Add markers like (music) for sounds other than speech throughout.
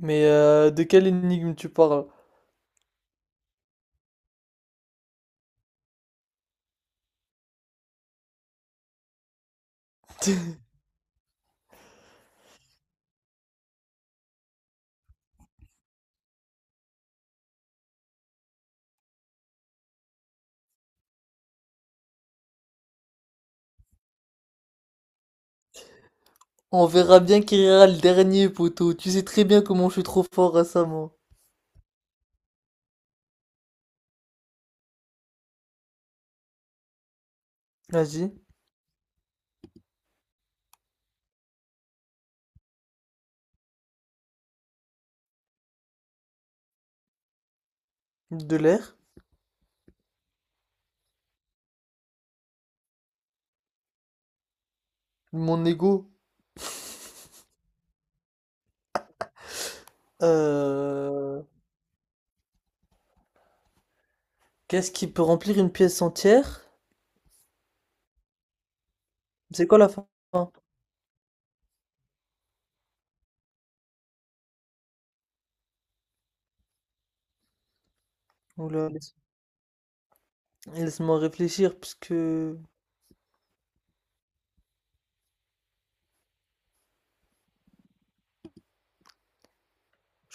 Mais de quelle énigme tu parles? (laughs) On verra bien qui rira le dernier, poteau. Tu sais très bien comment je suis trop fort récemment. Vas-y. De l'air. Mon ego. Euh... Qu'est-ce qui peut remplir une pièce entière? C'est quoi la fin? Oula, laisse-moi réfléchir puisque je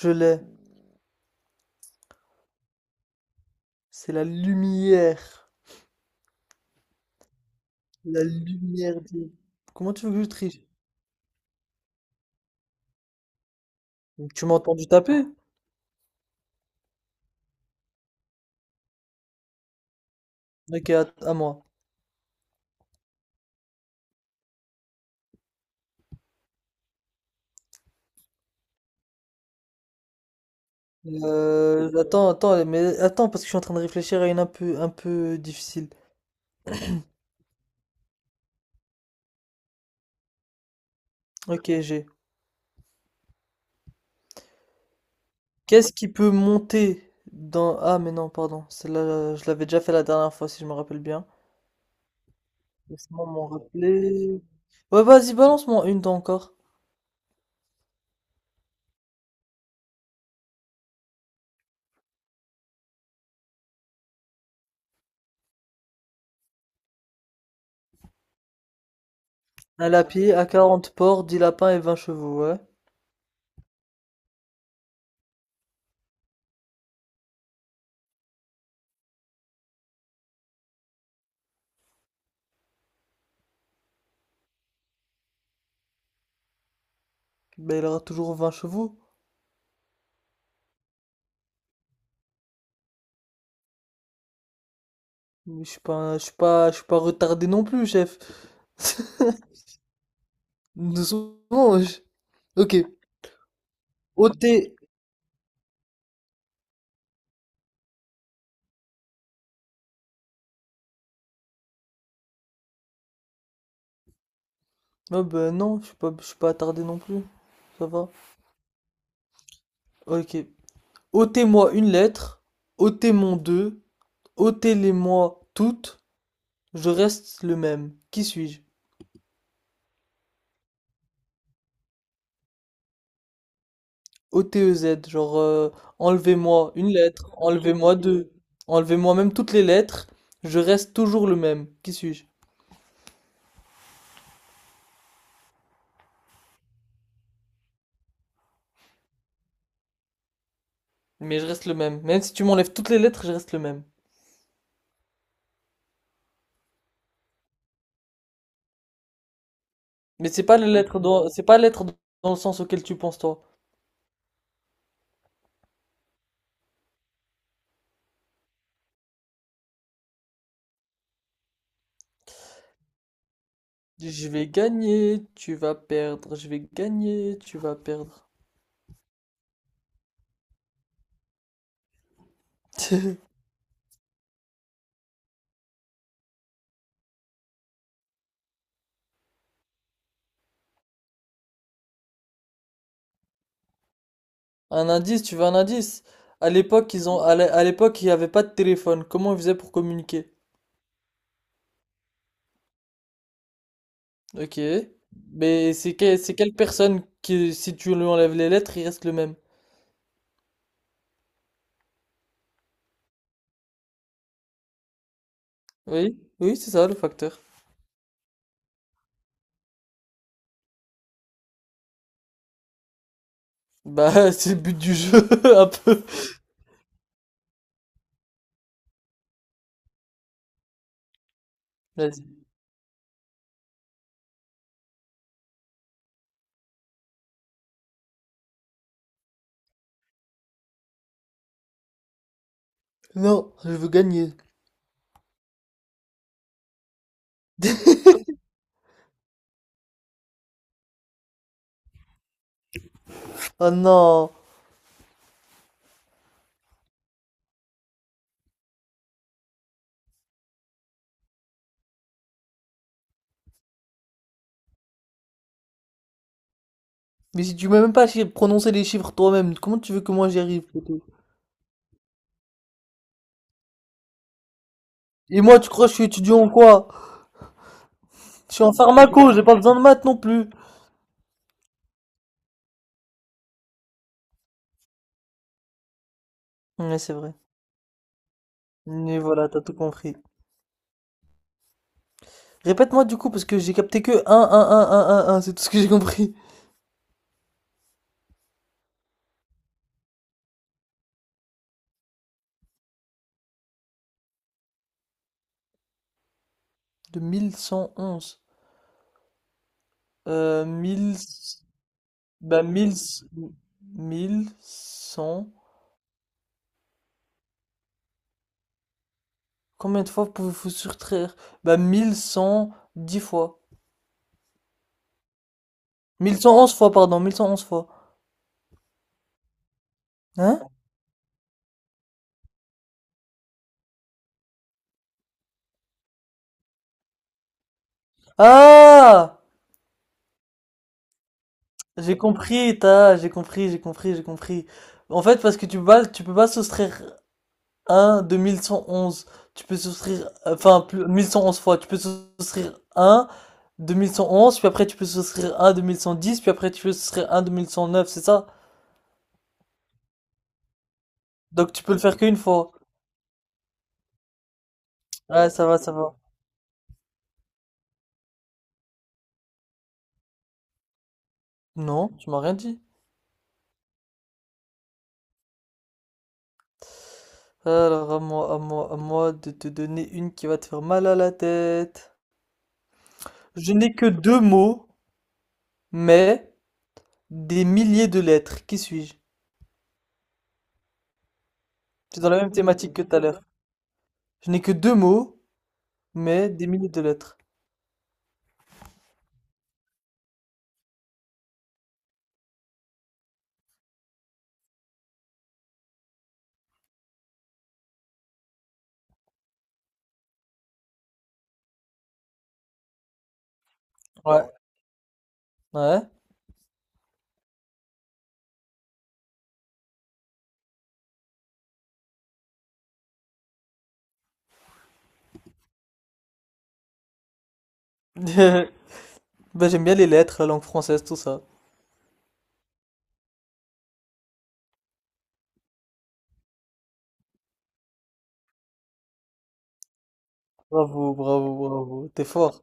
l'ai. C'est la lumière. La lumière des... Comment tu veux que je triche? Tu m'as entendu taper? Ok, à moi. Attends, attends, mais attends, parce que je suis en train de réfléchir à une un peu difficile. Ok, j'ai. Qu'est-ce qui peut monter dans... Ah, mais non, pardon. Celle-là, je l'avais déjà fait la dernière fois, si je me rappelle bien. Laisse-moi m'en rappeler. Ouais, vas-y, balance-moi une dent encore. Un lapier à 40 porcs, 10 lapins et 20 chevaux, ouais. Ben, il aura toujours 20 chevaux. Mais je suis pas retardé non plus, chef. (laughs) Nous sommes... Ok. ôter... Oh ben non, je suis pas attardé non plus. Ça va? Ok. Ôtez-moi une lettre, ôtez moi deux, ôtez-les-moi toutes, je reste le même. Qui suis-je? O-T-E-Z, enlevez-moi une lettre, enlevez-moi deux, enlevez-moi même toutes les lettres, je reste toujours le même. Qui suis-je? Mais je reste le même. Même si tu m'enlèves toutes les lettres, je reste le même. Mais c'est pas les lettres dans, c'est pas lettres dans le sens auquel tu penses toi. Je vais gagner, tu vas perdre, je vais gagner, tu vas perdre. (laughs) Un indice, tu veux un indice? À l'époque, à l'époque, il n'y avait pas de téléphone. Comment ils faisaient pour communiquer? Ok. C'est quelle personne qui, si tu lui enlèves les lettres, il reste le même? Oui, oui, c'est ça le facteur. Bah, (laughs) c'est le but du jeu, (laughs) un peu. Vas-y. Non, je veux gagner. (laughs) Oh non. Mais si tu m'as même pas prononcé les chiffres toi-même, comment tu veux que moi j'y arrive, poteau. Et moi, tu crois que je suis étudiant en quoi? Je suis en pharmaco, j'ai pas besoin de maths non plus. Ouais, c'est vrai. Mais voilà, t'as tout compris. Répète-moi du coup, parce que j'ai capté que un 1, c'est tout ce que j'ai compris. De 1111. Mille. Bah, mille cent. Combien de fois pouvez-vous soustraire? Bah, mille cent dix fois. Mille cent onze fois, pardon, 1111 fois. Hein? Ah! J'ai compris, j'ai compris. En fait, parce que tu peux pas soustraire 1 de mille cent onze. Tu peux souscrire, enfin, plus, 1111 fois. Tu peux souscrire 1 de mille cent onze, puis après tu peux souscrire 1 de mille cent dix, puis après tu peux souscrire 1 de mille cent neuf, c'est ça? Donc tu peux le faire qu'une fois. Ouais, ça va, ça va. Non, tu m'as rien dit. Alors à moi de te donner une qui va te faire mal à la tête. Je n'ai que deux mots, mais des milliers de lettres. Qui suis-je? C'est dans la même thématique que tout à l'heure. Je n'ai que deux mots, mais des milliers de lettres. Ouais. Ouais. (laughs) Bah, j'aime bien les lettres, la langue française, tout ça. Bravo, bravo, bravo. T'es fort.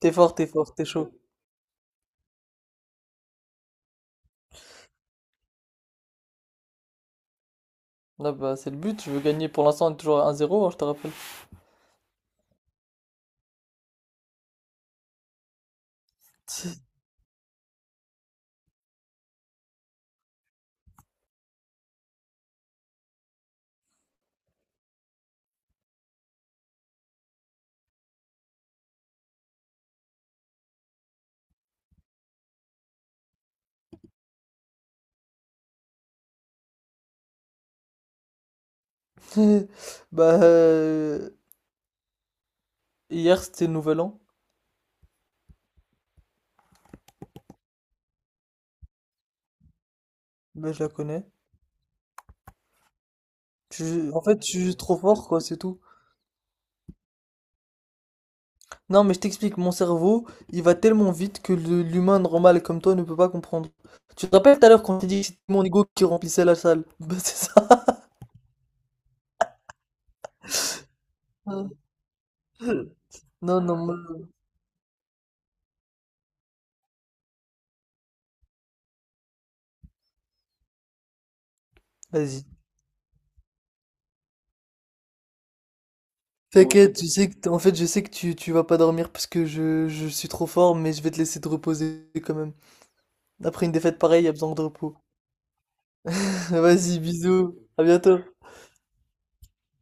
T'es fort, t'es fort, t'es chaud. Là, bah, c'est le but. Je veux gagner. Pour l'instant, on est toujours à un zéro, hein, je te rappelle. (laughs) Bah, hier, c'était le Nouvel An. Bah, je la connais. En fait, je suis juste trop fort, quoi, c'est tout. Non, mais je t'explique. Mon cerveau, il va tellement vite que l'humain normal comme toi ne peut pas comprendre. Tu te rappelles tout à l'heure quand t'as dit que c'était mon ego qui remplissait la salle? (laughs) Bah, c'est ça. (laughs) Non, non, moi- Vas-y. T'inquiète, tu sais que en fait je sais que tu vas pas dormir parce que je suis trop fort, mais je vais te laisser te reposer quand même. Après une défaite pareille, il y a besoin de repos. (laughs) Vas-y, bisous, à bientôt.